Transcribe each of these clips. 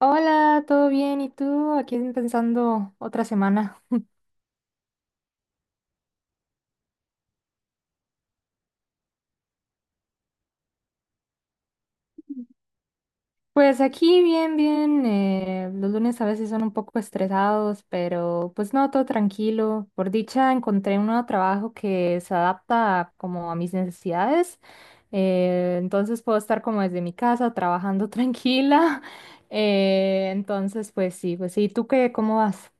Hola, ¿todo bien? ¿Y tú? Aquí pensando otra semana. Pues aquí bien, bien. Los lunes a veces son un poco estresados, pero pues no, todo tranquilo. Por dicha encontré un nuevo trabajo que se adapta como a mis necesidades. Entonces puedo estar como desde mi casa trabajando tranquila. Entonces, pues sí, pues sí. ¿Tú qué? ¿Cómo vas?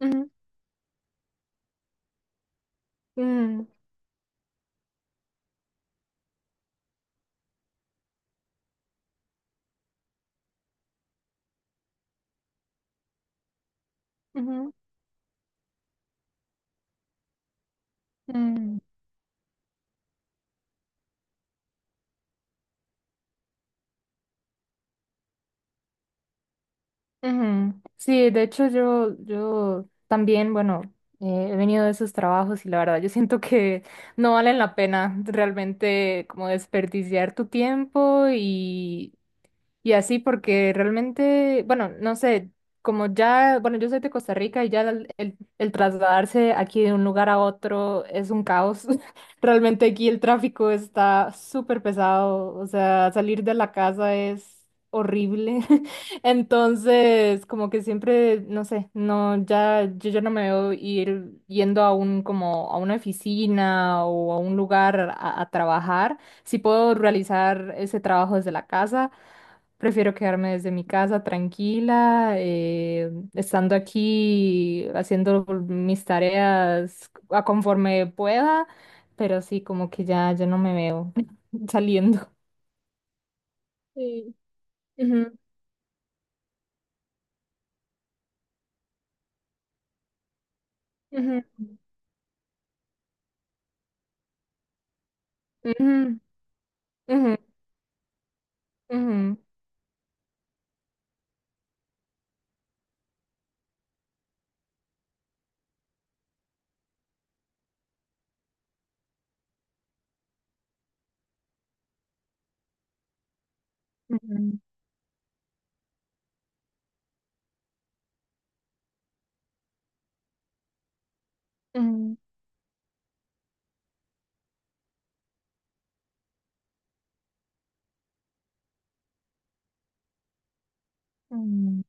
Ujú, mm, ujú, mm. Ujú. Sí, de hecho yo también, bueno, he venido de esos trabajos y la verdad yo siento que no valen la pena realmente como desperdiciar tu tiempo y así porque realmente, bueno, no sé, como ya, bueno, yo soy de Costa Rica y ya el trasladarse aquí de un lugar a otro es un caos. Realmente aquí el tráfico está súper pesado, o sea, salir de la casa es horrible. Entonces, como que siempre, no sé, no, ya, yo ya no me veo ir yendo a un, como, a una oficina o a un lugar a trabajar. Si puedo realizar ese trabajo desde la casa. Prefiero quedarme desde mi casa tranquila, estando aquí haciendo mis tareas a conforme pueda, pero sí, como que ya, ya no me veo saliendo. Sí. Ujú, ujú, ujú, ujú, ujú, ujú, ujú, ujú,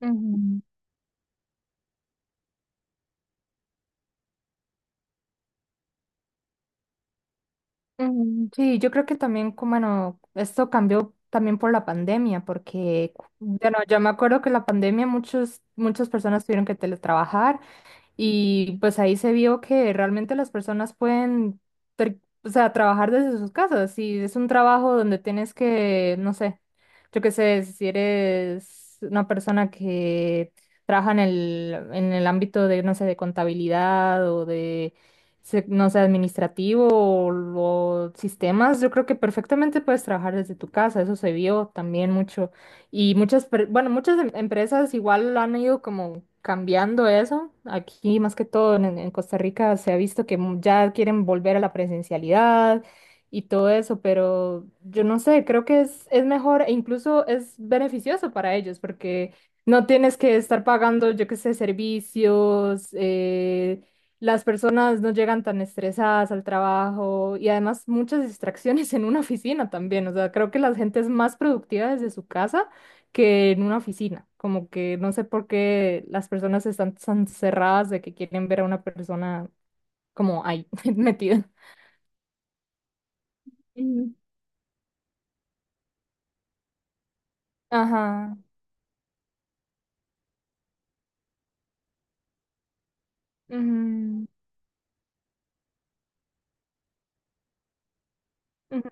ujú, ujú. Sí, yo creo que también, como, bueno, esto cambió también por la pandemia, porque, bueno, yo me acuerdo que la pandemia muchos, muchas personas tuvieron que teletrabajar. Y pues ahí se vio que realmente las personas pueden, ter- o sea, trabajar desde sus casas. Y es un trabajo donde tienes que, no sé, yo qué sé, si eres una persona que trabaja en en el ámbito de, no sé, de contabilidad o de, no sé, administrativo o sistemas, yo creo que perfectamente puedes trabajar desde tu casa. Eso se vio también mucho y muchas, bueno, muchas empresas igual han ido como cambiando eso. Aquí, más que todo en Costa Rica, se ha visto que ya quieren volver a la presencialidad y todo eso, pero yo no sé, creo que es mejor e incluso es beneficioso para ellos porque no tienes que estar pagando, yo qué sé, servicios, las personas no llegan tan estresadas al trabajo y además muchas distracciones en una oficina también. O sea, creo que la gente es más productiva desde su casa que en una oficina. Como que no sé por qué las personas están tan cerradas de que quieren ver a una persona como ahí, metida. Ujú. Ajá. Ujú, ujú,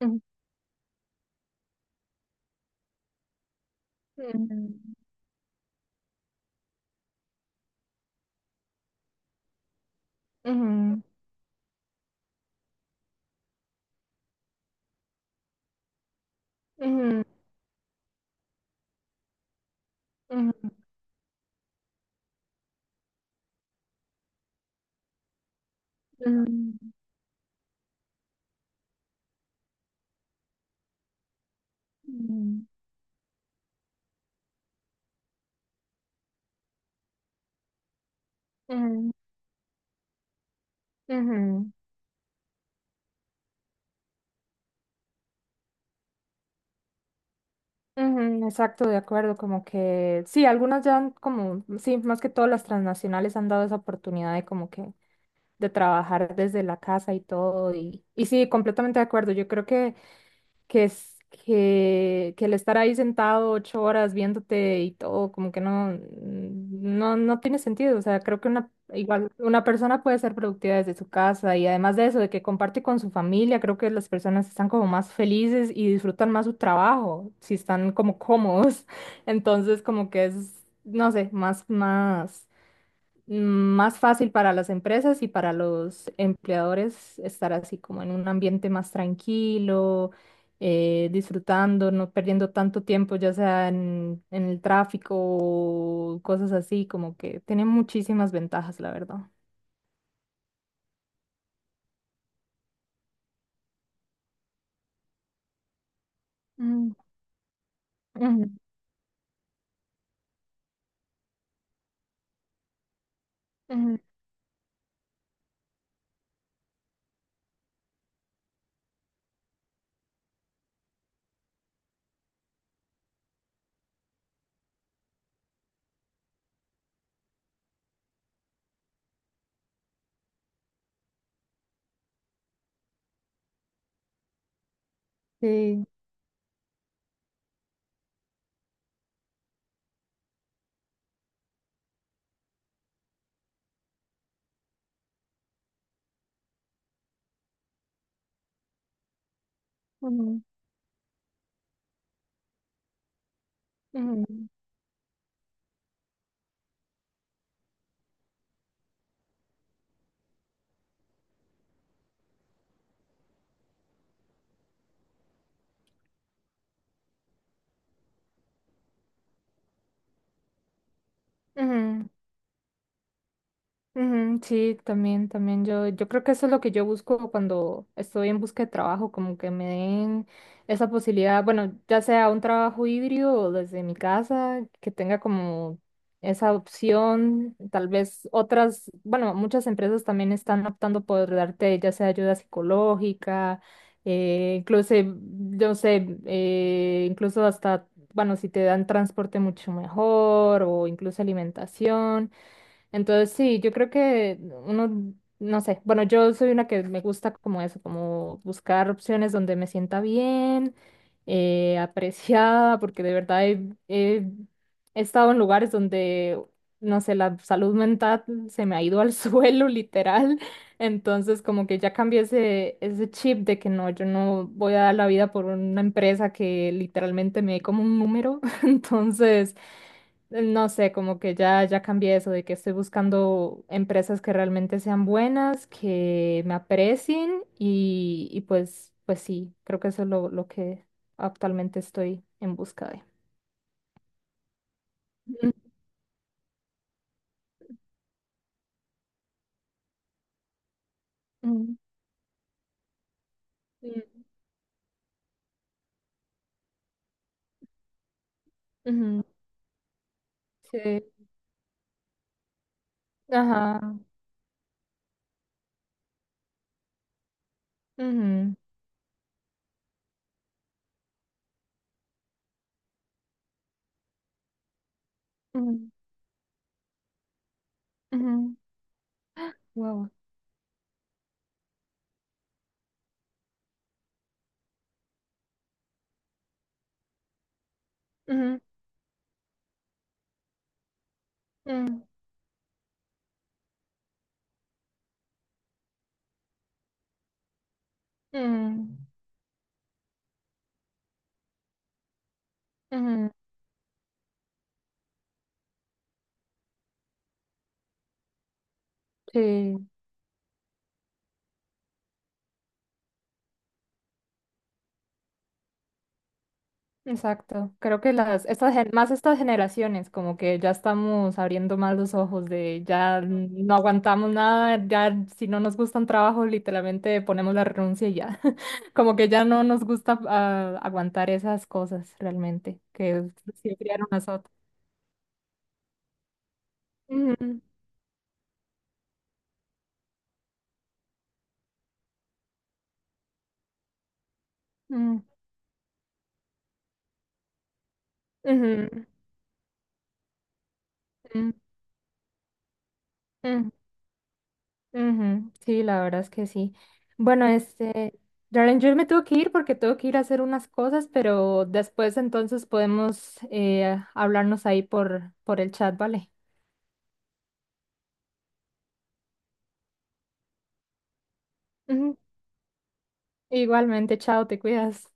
ujú, ujú, ujú, ujú, ujú, ujú, ujú, ujú, ujú, exacto, de acuerdo, como que sí, algunas ya han como, sí, más que todas las transnacionales han dado esa oportunidad de como que de trabajar desde la casa y todo. Y sí, completamente de acuerdo. Yo creo que es que el estar ahí sentado 8 horas viéndote y todo, como que no, no, no tiene sentido. O sea, creo que una, igual una persona puede ser productiva desde su casa y además de eso, de que comparte con su familia, creo que las personas están como más felices y disfrutan más su trabajo, si están como cómodos. Entonces, como que es, no sé, más, más más fácil para las empresas y para los empleadores estar así como en un ambiente más tranquilo, disfrutando, no perdiendo tanto tiempo, ya sea en el tráfico o cosas así, como que tiene muchísimas ventajas, la verdad. Mm, ujú, ujú, sí. Ujú, ujú, ujú. Ujú, sí, también, también yo creo que eso es lo que yo busco cuando estoy en busca de trabajo, como que me den esa posibilidad, bueno, ya sea un trabajo híbrido o desde mi casa, que tenga como esa opción, tal vez otras, bueno, muchas empresas también están optando por darte ya sea ayuda psicológica, incluso, yo sé, incluso hasta, bueno, si te dan transporte mucho mejor o incluso alimentación. Entonces, sí, yo creo que uno, no sé, bueno, yo soy una que me gusta como eso, como buscar opciones donde me sienta bien, apreciada, porque de verdad he, he- he estado en lugares donde, no sé, la salud mental se me ha ido al suelo, literal. Entonces, como que ya cambié ese, ese chip de que no, yo no voy a dar la vida por una empresa que literalmente me dé como un número. Entonces... No sé, como que ya, ya cambié eso de que estoy buscando empresas que realmente sean buenas, que me aprecien y pues, pues sí, creo que eso es lo que actualmente estoy en busca de. Ujú, ujú, ujú, sí, ajá. Ujú, ujú, ujú, wow. Ujú, ujú, ujú, ujú, sí. Exacto. Creo que las, estas, más estas generaciones, como que ya estamos abriendo más los ojos de ya no aguantamos nada, ya si no nos gusta un trabajo, literalmente ponemos la renuncia y ya. Como que ya no nos gusta aguantar esas cosas realmente, que siempre criaron nosotros. Ujú, ujú, ujú, ujú, ujú. Ujú, sí, la verdad es que sí. Bueno, este, Darren, yo me tengo que ir porque tengo que ir a hacer unas cosas, pero después entonces podemos hablarnos ahí por el chat, ¿vale? Ujú, igualmente, chao, te cuidas.